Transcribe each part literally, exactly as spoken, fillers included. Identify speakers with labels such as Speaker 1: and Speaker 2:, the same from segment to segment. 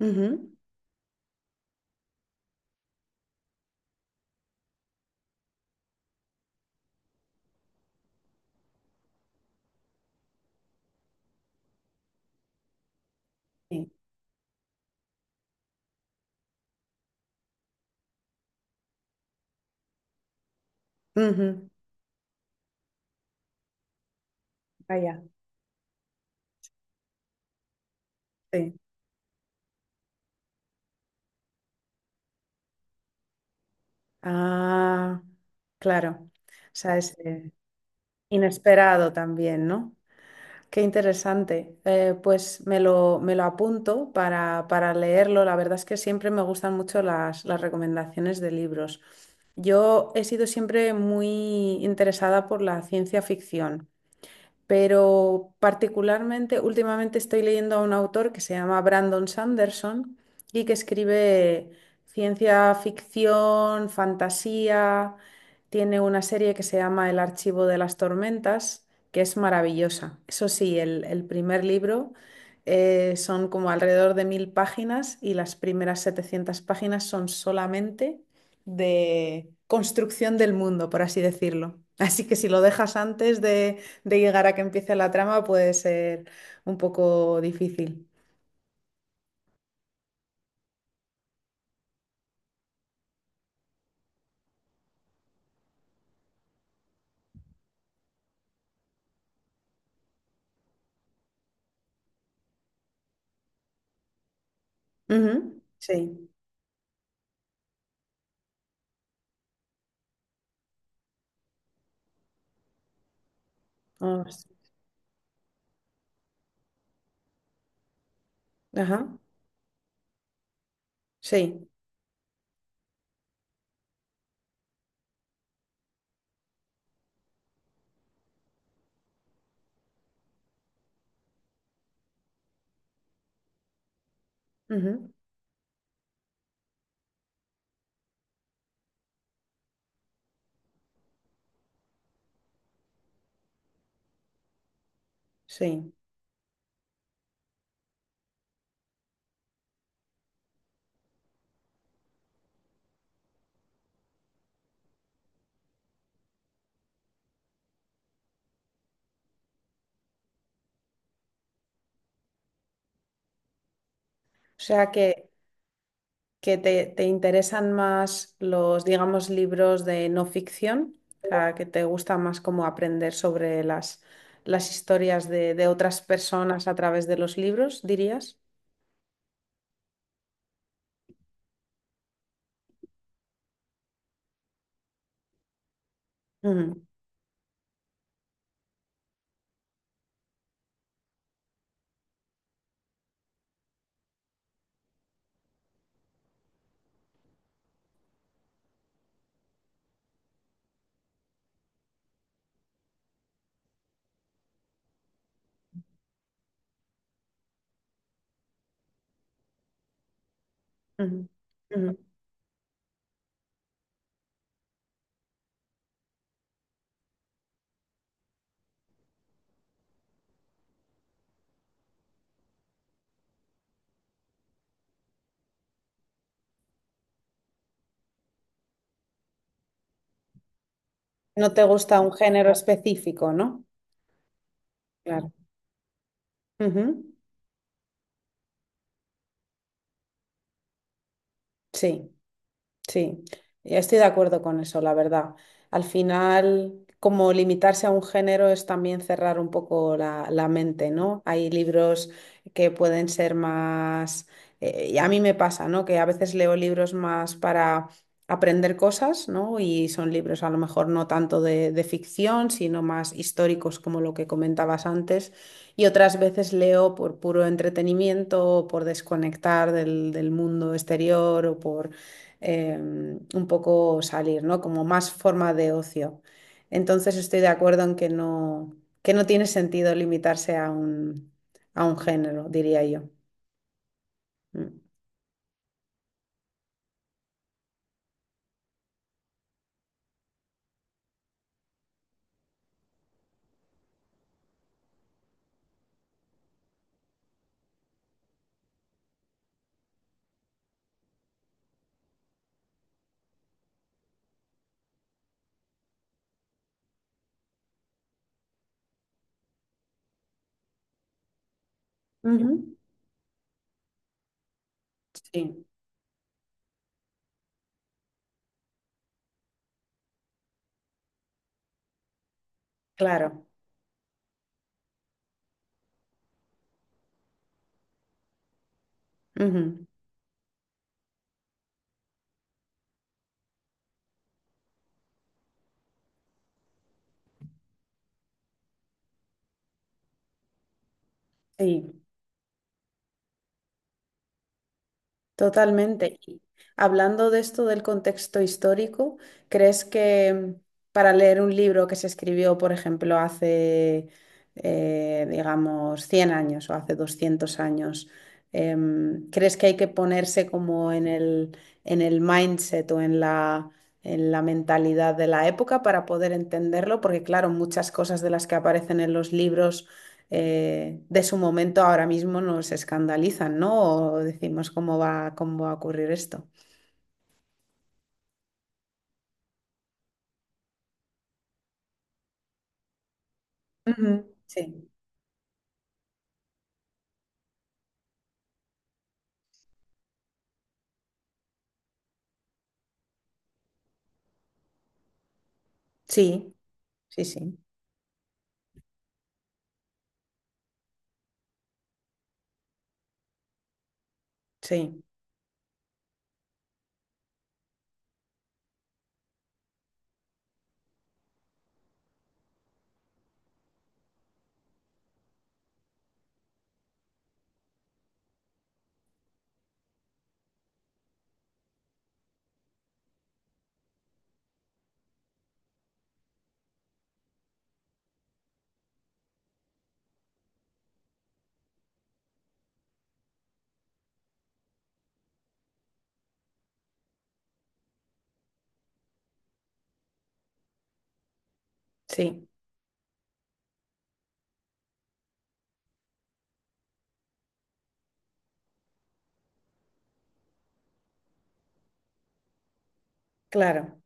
Speaker 1: Ujú. Sí, ujú. Allá. Sí. Ah, claro. O sea, es eh, inesperado también, ¿no? Qué interesante. Eh, pues me lo, me lo apunto para, para leerlo. La verdad es que siempre me gustan mucho las, las recomendaciones de libros. Yo he sido siempre muy interesada por la ciencia ficción. Pero particularmente últimamente estoy leyendo a un autor que se llama Brandon Sanderson y que escribe ciencia ficción, fantasía, tiene una serie que se llama El Archivo de las Tormentas, que es maravillosa. Eso sí, el, el primer libro eh, son como alrededor de mil páginas y las primeras setecientas páginas son solamente de construcción del mundo, por así decirlo. Así que si lo dejas antes de, de llegar a que empiece la trama puede ser un poco difícil. Ujú. Sí. Ah, s- ajá. Sí. Ujú. Sí. O sea que, que te, te interesan más los, digamos, libros de no ficción, o sea, que te gusta más como aprender sobre las, las historias de, de otras personas a través de los libros, dirías. Ujú, ujú, ujú. No te gusta un género específico, ¿no? Claro. Ujú. Sí. Sí, estoy de acuerdo con eso, la verdad. Al final, como limitarse a un género es también cerrar un poco la, la mente, ¿no? Hay libros que pueden ser más, eh, y a mí me pasa, ¿no? Que a veces leo libros más para aprender cosas, ¿no? Y son libros a lo mejor no tanto de, de ficción, sino más históricos como lo que comentabas antes. Y otras veces leo por puro entretenimiento, o por desconectar del, del mundo exterior o por eh, un poco salir, ¿no? Como más forma de ocio. Entonces estoy de acuerdo en que no, que no tiene sentido limitarse a un, a un género, diría yo. Mm. Ujú. Sí. Sí, claro. Ujú. Sí. Totalmente. Y hablando de esto del contexto histórico, ¿crees que para leer un libro que se escribió, por ejemplo, hace, eh, digamos, cien años o hace doscientos años, em, ¿crees que hay que ponerse como en el, en el mindset o en la, en la mentalidad de la época para poder entenderlo? Porque, claro, muchas cosas de las que aparecen en los libros eh, de su momento ahora mismo nos escandalizan, ¿no? O decimos cómo va, cómo va a ocurrir esto. Ujú. Sí, sí, sí, sí, sí, sí, claro.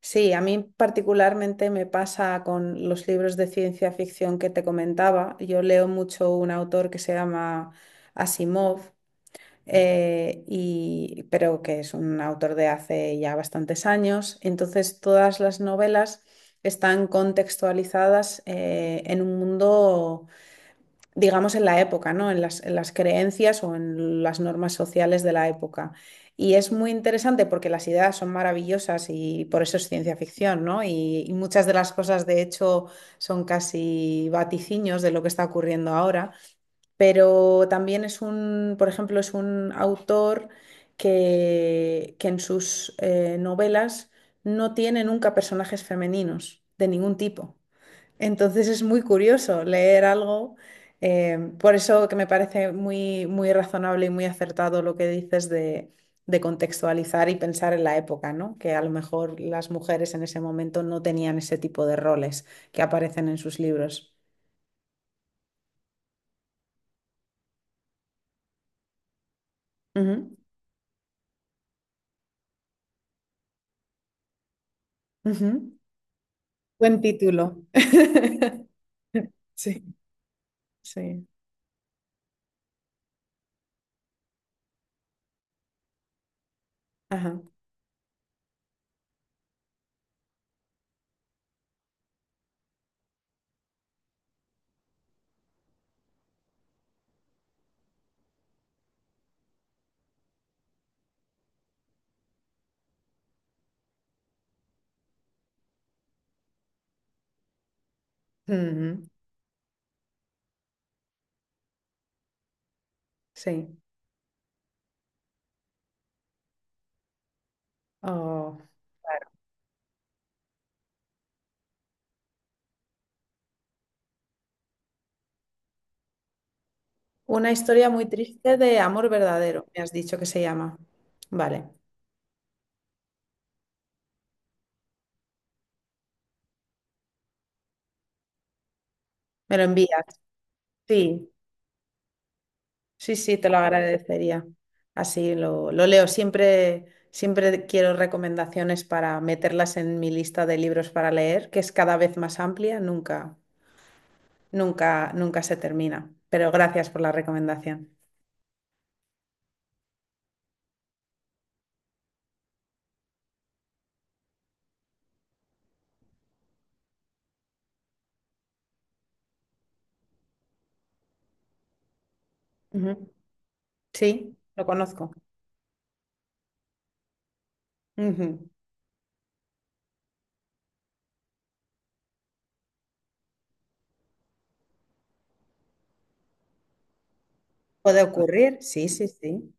Speaker 1: Sí, a mí particularmente me pasa con los libros de ciencia ficción que te comentaba. Yo leo mucho un autor que se llama Asimov eh, y, pero que es un autor de hace ya bastantes años. Entonces, todas las novelas están contextualizadas eh, en un mundo, digamos, en la época, ¿no? En las, en las creencias o en las normas sociales de la época. Y es muy interesante porque las ideas son maravillosas y por eso es ciencia ficción, ¿no? Y, y muchas de las cosas, de hecho, son casi vaticinios de lo que está ocurriendo ahora, pero también es un, por ejemplo, es un autor que, que en sus eh, novelas no tiene nunca personajes femeninos de ningún tipo. Entonces es muy curioso leer algo, eh, por eso que me parece muy, muy razonable y muy acertado lo que dices de, de contextualizar y pensar en la época, ¿no? Que a lo mejor las mujeres en ese momento no tenían ese tipo de roles que aparecen en sus libros. Ujú, ujú. Buen título. Sí, sí. Ajá. Ujú. Sí. Oh. Una historia muy triste de amor verdadero, me has dicho que se llama. Vale. ¿Me lo envías? Sí, sí, sí, te lo agradecería. Así lo, lo leo. Siempre, siempre quiero recomendaciones para meterlas en mi lista de libros para leer, que es cada vez más amplia, nunca, nunca, nunca se termina. Pero gracias por la recomendación. Ujú. Sí, lo conozco. Ujú. Puede ocurrir, sí, sí, sí.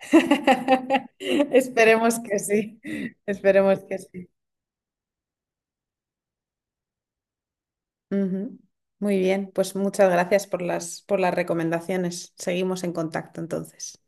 Speaker 1: Esperemos que sí, esperemos que sí. Ujú. Muy bien, pues muchas gracias por las, por las recomendaciones. Seguimos en contacto entonces.